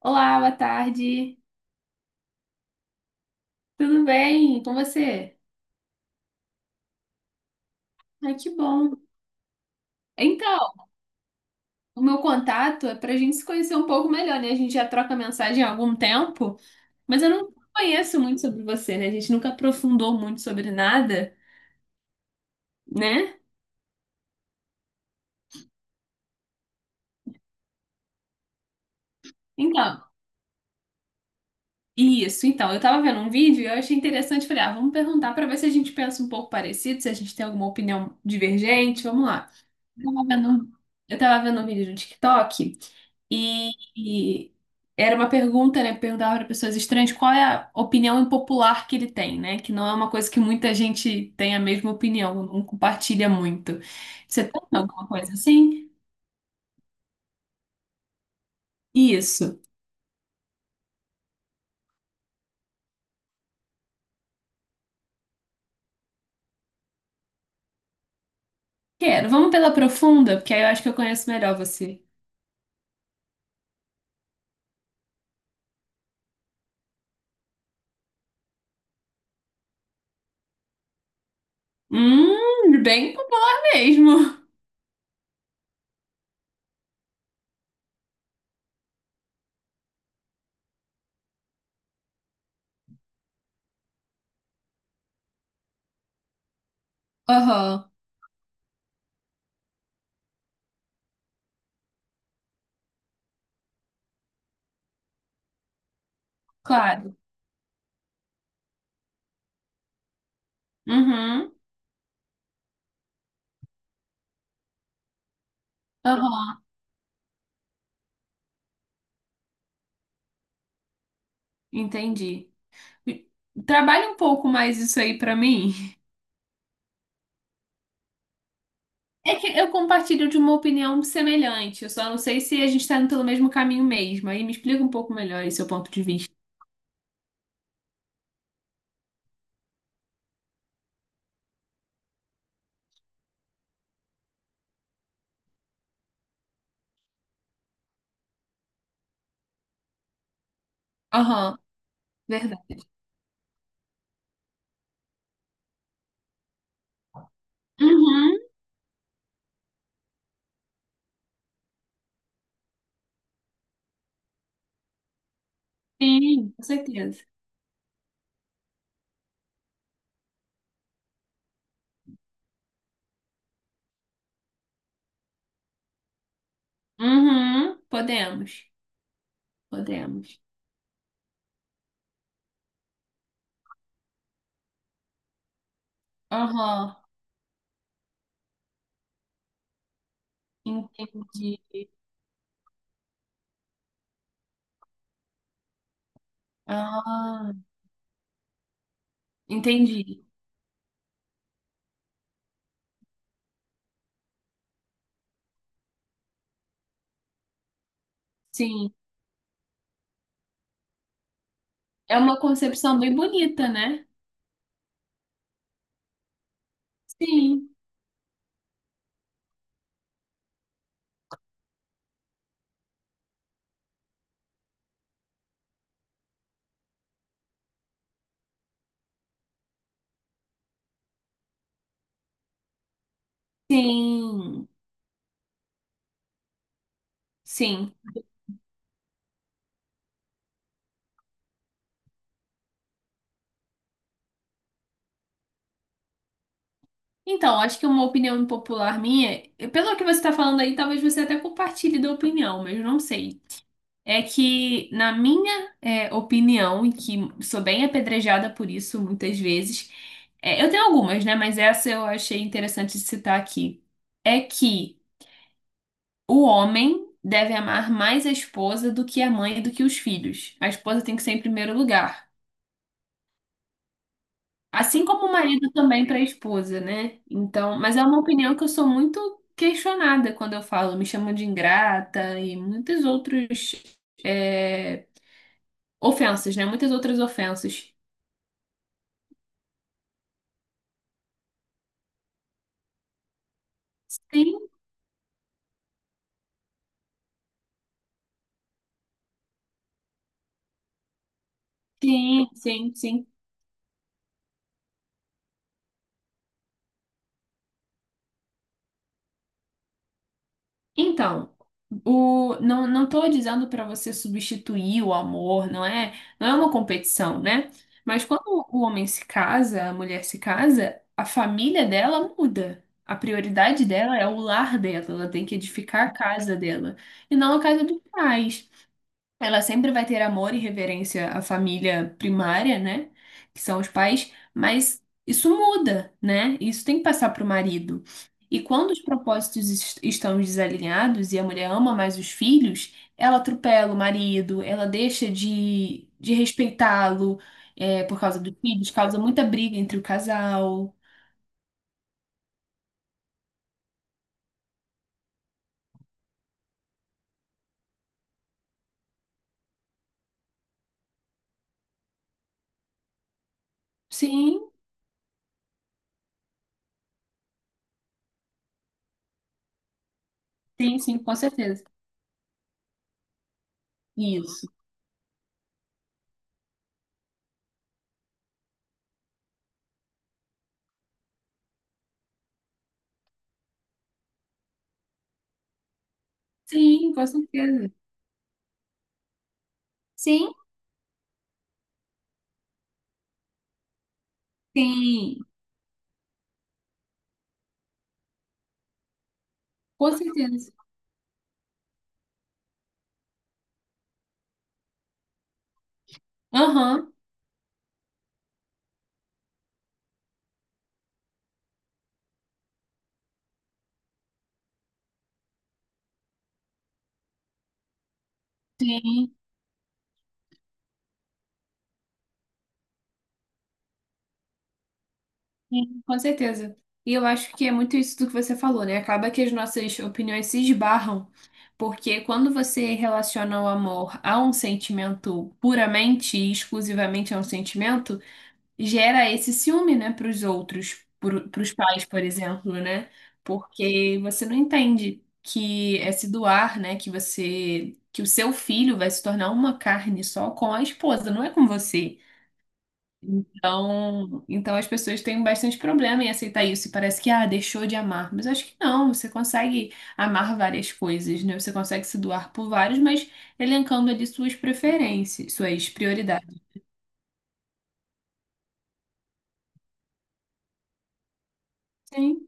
Olá, boa tarde. Tudo bem com você? Ai, que bom. Então, o meu contato é para a gente se conhecer um pouco melhor, né? A gente já troca mensagem há algum tempo, mas eu não conheço muito sobre você, né? A gente nunca aprofundou muito sobre nada, né? Então, isso. Então, eu tava vendo um vídeo e eu achei interessante. Falei, ah, vamos perguntar para ver se a gente pensa um pouco parecido, se a gente tem alguma opinião divergente. Vamos lá. Eu tava vendo, um, eu tava vendo um vídeo no TikTok. E era uma pergunta, né? Perguntava para pessoas estranhas qual é a opinião impopular que ele tem, né? Que não é uma coisa que muita gente tem a mesma opinião, não compartilha muito. Você tem alguma coisa assim? Isso. Quero. Vamos pela profunda, porque aí eu acho que eu conheço melhor você. Bem mesmo. Aham, claro. Uhum, aham, entendi. Trabalhe um pouco mais isso aí para mim. É que eu compartilho de uma opinião semelhante, eu só não sei se a gente está indo pelo mesmo caminho mesmo. Aí me explica um pouco melhor esse seu ponto de vista. Aham, verdade. Uhum, sim, com certeza. Uhum, podemos. Aham, entendi. Ah, entendi. Sim, é uma concepção bem bonita, né? Sim, sim, sim. Então, acho que uma opinião impopular minha, pelo que você está falando aí, talvez você até compartilhe da opinião, mas eu não sei. É que, na minha opinião, e que sou bem apedrejada por isso muitas vezes, é, eu tenho algumas, né? Mas essa eu achei interessante de citar aqui. É que o homem deve amar mais a esposa do que a mãe e do que os filhos. A esposa tem que ser em primeiro lugar. Assim como o marido também para a esposa, né? Então, mas é uma opinião que eu sou muito questionada quando eu falo. Me chamam de ingrata e muitas outras é, ofensas, né? Muitas outras ofensas. Sim, sim, sim, sim. Então, o, não, não estou dizendo para você substituir o amor, não é, não é uma competição, né? Mas quando o homem se casa, a mulher se casa, a família dela muda. A prioridade dela é o lar dela, ela tem que edificar a casa dela, e não a casa dos pais. Ela sempre vai ter amor e reverência à família primária, né? Que são os pais, mas isso muda, né? Isso tem que passar para o marido. E quando os propósitos estão desalinhados e a mulher ama mais os filhos, ela atropela o marido, ela deixa de respeitá-lo, é, por causa dos filhos, causa muita briga entre o casal. Sim, sim, sim, com certeza. Isso. Sim, com certeza. Sim, sim, com certeza. Aham. Sim. Sim, com certeza. E eu acho que é muito isso do que você falou, né? Acaba que as nossas opiniões se esbarram, porque quando você relaciona o amor a um sentimento puramente e exclusivamente a um sentimento, gera esse ciúme, né, para os outros, para os pais, por exemplo, né? Porque você não entende que é se doar, né? Que você, que o seu filho vai se tornar uma carne só com a esposa, não é com você. Então as pessoas têm bastante problema em aceitar isso. E parece que, ah, deixou de amar. Mas acho que não, você consegue amar várias coisas, né? Você consegue se doar por vários, mas elencando ali suas preferências, suas prioridades. Sim.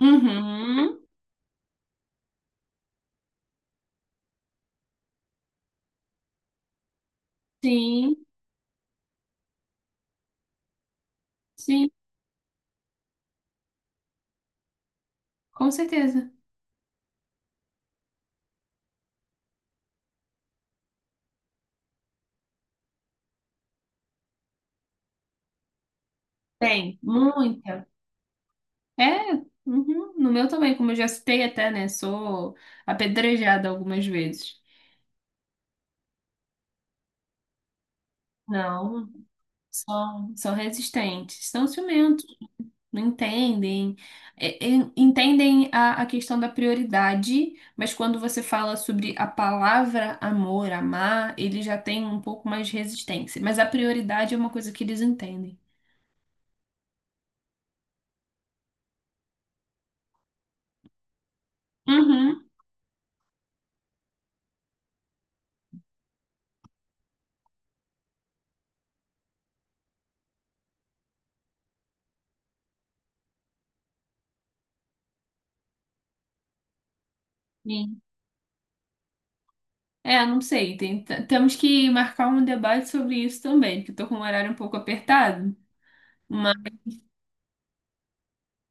Uhum. Sim, sim, com certeza. Tem, muita. É, uhum. No meu também, como eu já citei até, né? Sou apedrejada algumas vezes. Não, são, são resistentes, são ciumentas. Não entendem, É, é, entendem a questão da prioridade, mas quando você fala sobre a palavra amor, amar, ele já tem um pouco mais de resistência. Mas a prioridade é uma coisa que eles entendem. Uhum. Sim. É, não sei. Temos que marcar um debate sobre isso também, porque estou com o horário um pouco apertado. Mas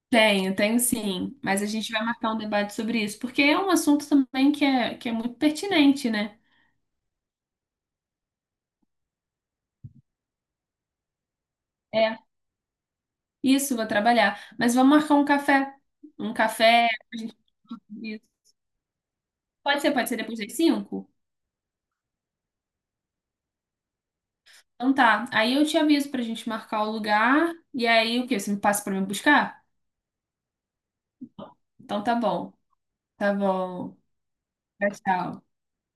tenho, tenho sim. Mas a gente vai marcar um debate sobre isso, porque é, um assunto também que que é muito pertinente, né? É. Isso, vou trabalhar. Mas vamos marcar um café. Um café pra gente falar sobre isso. Pode ser depois das 5? Então tá. Aí eu te aviso pra gente marcar o lugar. E aí o quê? Você me passa pra me buscar? Então tá bom. Tá bom. Tchau, tchau.